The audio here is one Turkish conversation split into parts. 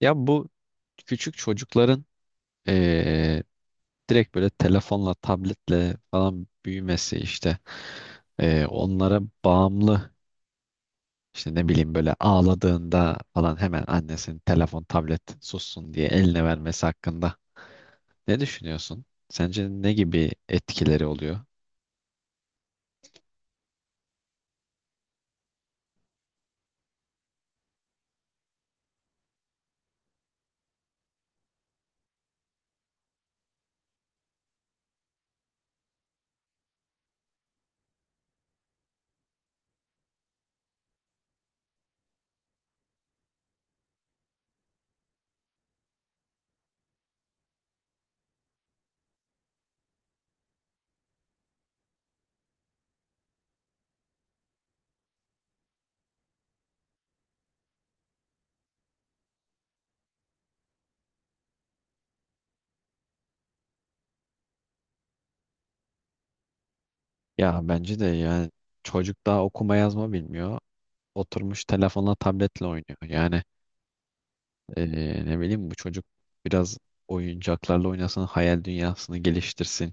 Ya bu küçük çocukların eee, direkt böyle telefonla, tabletle falan büyümesi işte, onlara bağımlı, işte ne bileyim böyle ağladığında falan hemen annesinin telefon, tablet sussun diye eline vermesi hakkında ne düşünüyorsun? Sence ne gibi etkileri oluyor? Ya bence de yani çocuk daha okuma yazma bilmiyor. Oturmuş telefonla tabletle oynuyor. Yani ne bileyim bu çocuk biraz oyuncaklarla oynasın, hayal dünyasını geliştirsin.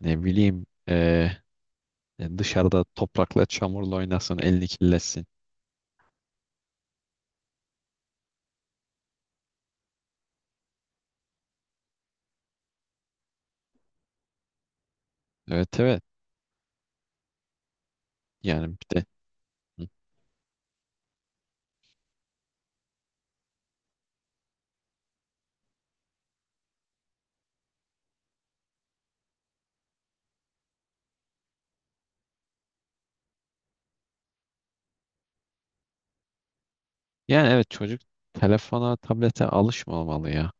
Ne bileyim dışarıda toprakla çamurla oynasın, elini kirletsin. Evet, evet. Yani bir de hı, yani evet, çocuk telefona, tablete alışmamalı ya.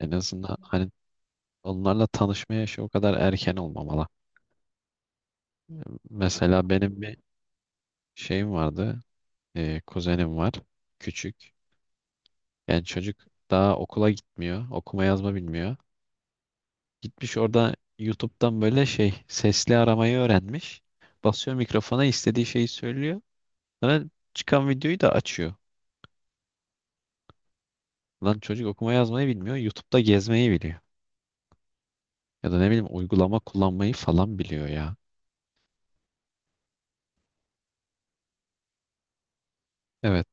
En azından hani onlarla tanışma yaşı o kadar erken olmamalı. Mesela benim bir şeyim vardı. E, kuzenim var. Küçük. Yani çocuk daha okula gitmiyor. Okuma yazma bilmiyor. Gitmiş orada YouTube'dan böyle şey sesli aramayı öğrenmiş. Basıyor mikrofona istediği şeyi söylüyor. Sonra çıkan videoyu da açıyor. Lan çocuk okuma yazmayı bilmiyor. YouTube'da gezmeyi biliyor. Ya da ne bileyim uygulama kullanmayı falan biliyor ya. Evet.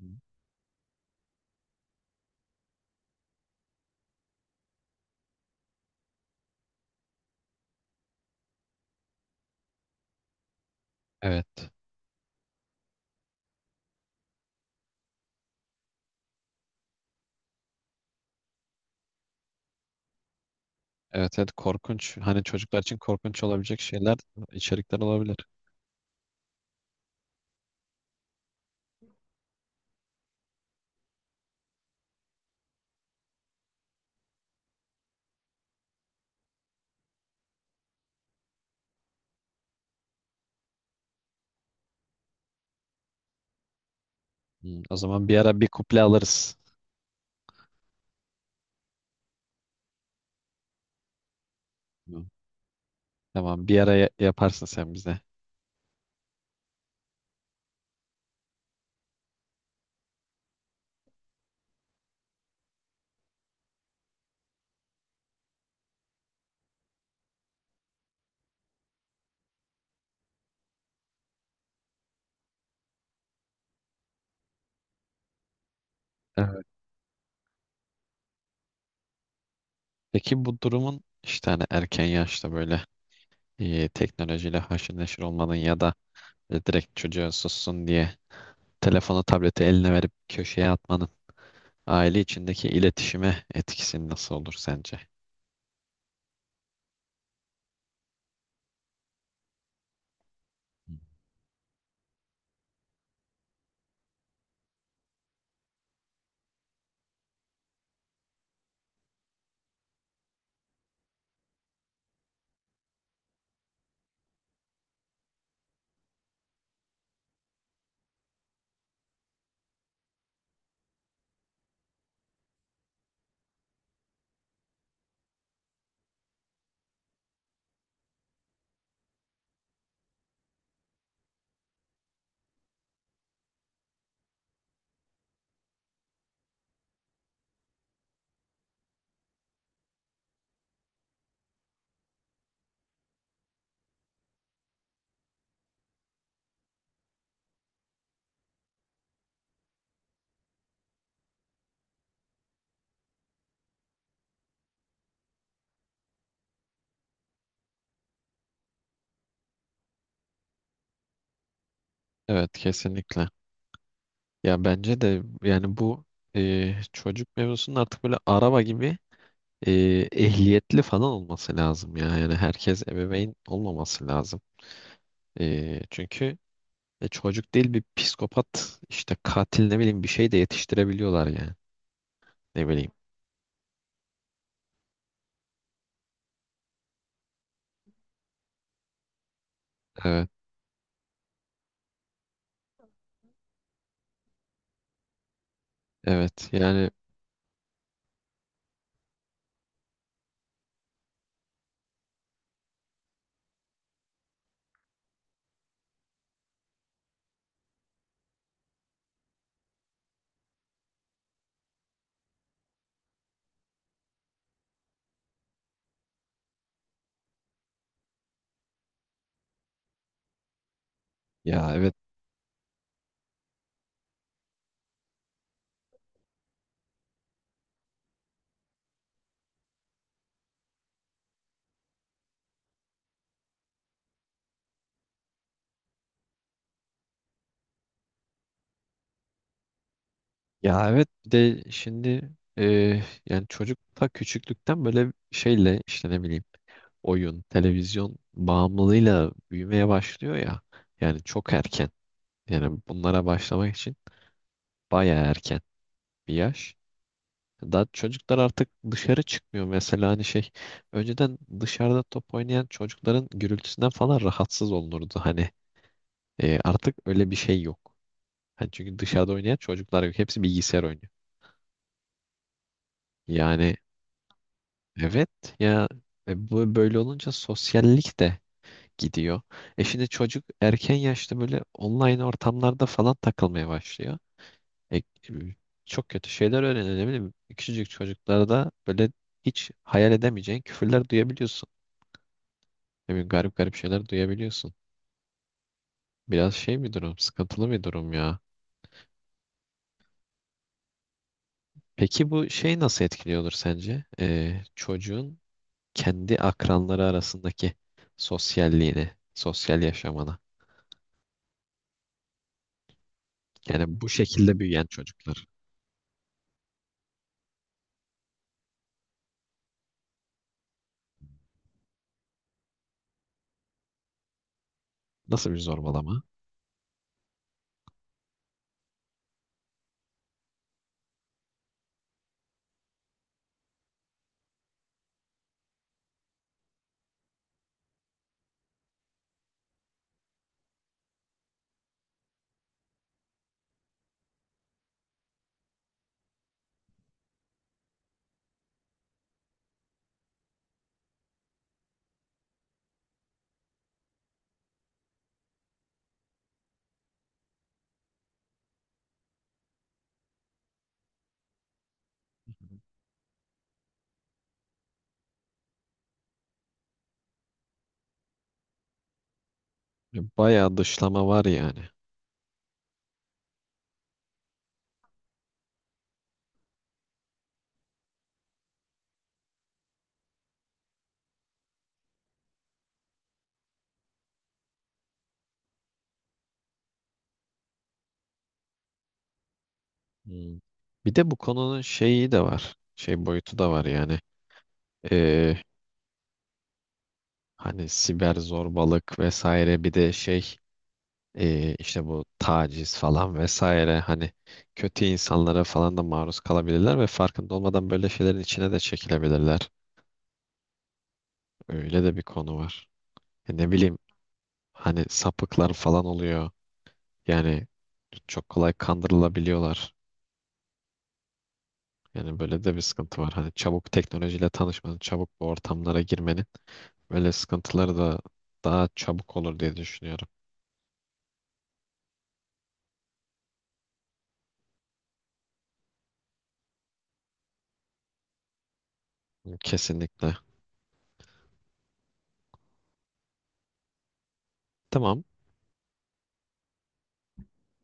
Hı. Evet. Evet, evet, korkunç. Hani çocuklar için korkunç olabilecek şeyler, içerikler olabilir. Hmm, o zaman bir ara bir kuple alırız. Hı. Tamam, bir ara yaparsın sen bize. Evet. Peki bu durumun işte hani erken yaşta böyle e, teknolojiyle haşır neşir olmanın ya da e, direkt çocuğa sussun diye telefonu tableti eline verip köşeye atmanın aile içindeki iletişime etkisi nasıl olur sence? Evet, kesinlikle. Ya bence de yani bu e, çocuk mevzusunun artık böyle araba gibi e, ehliyetli falan olması lazım ya. Yani herkes ebeveyn olmaması lazım. E, çünkü e, çocuk değil bir psikopat işte katil ne bileyim bir şey de yetiştirebiliyorlar yani. Ne bileyim. Evet, evet yani, ya evet. Ya evet bir de şimdi e, yani çocukta küçüklükten böyle şeyle işte ne bileyim oyun, televizyon bağımlılığıyla büyümeye başlıyor ya. Yani çok erken. Yani bunlara başlamak için bayağı erken bir yaş. Daha çocuklar artık dışarı çıkmıyor. Mesela hani şey, önceden dışarıda top oynayan çocukların gürültüsünden falan rahatsız olunurdu. Hani e, artık öyle bir şey yok. Hani çünkü dışarıda oynayan çocuklar yok. Hepsi bilgisayar oynuyor. Yani evet ya, e, bu böyle olunca sosyallik de gidiyor. E şimdi çocuk erken yaşta böyle online ortamlarda falan takılmaya başlıyor. E, e, çok kötü şeyler öğreniyor ne bileyim. Küçücük çocuklarda böyle hiç hayal edemeyeceğin küfürler duyabiliyorsun. Ne bileyim, garip garip şeyler duyabiliyorsun. Biraz şey bir durum, sıkıntılı bir durum ya. Peki bu şey nasıl etkiliyordur sence? E, çocuğun kendi akranları arasındaki sosyalliğini, sosyal yaşamını. Yani bu şekilde büyüyen çocuklar. Nasıl bir zorbalama? Bayağı dışlama var yani. Hmm. Bir de bu konunun şeyi de var. Şey boyutu da var yani. Ee, hani siber zorbalık vesaire, bir de şey işte bu taciz falan vesaire, hani kötü insanlara falan da maruz kalabilirler ve farkında olmadan böyle şeylerin içine de çekilebilirler. Öyle de bir konu var. E ne bileyim hani sapıklar falan oluyor. Yani çok kolay kandırılabiliyorlar. Yani böyle de bir sıkıntı var. Hani çabuk teknolojiyle tanışmanın, çabuk bu ortamlara girmenin böyle sıkıntıları da daha çabuk olur diye düşünüyorum. Kesinlikle. Tamam.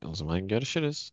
O zaman görüşürüz.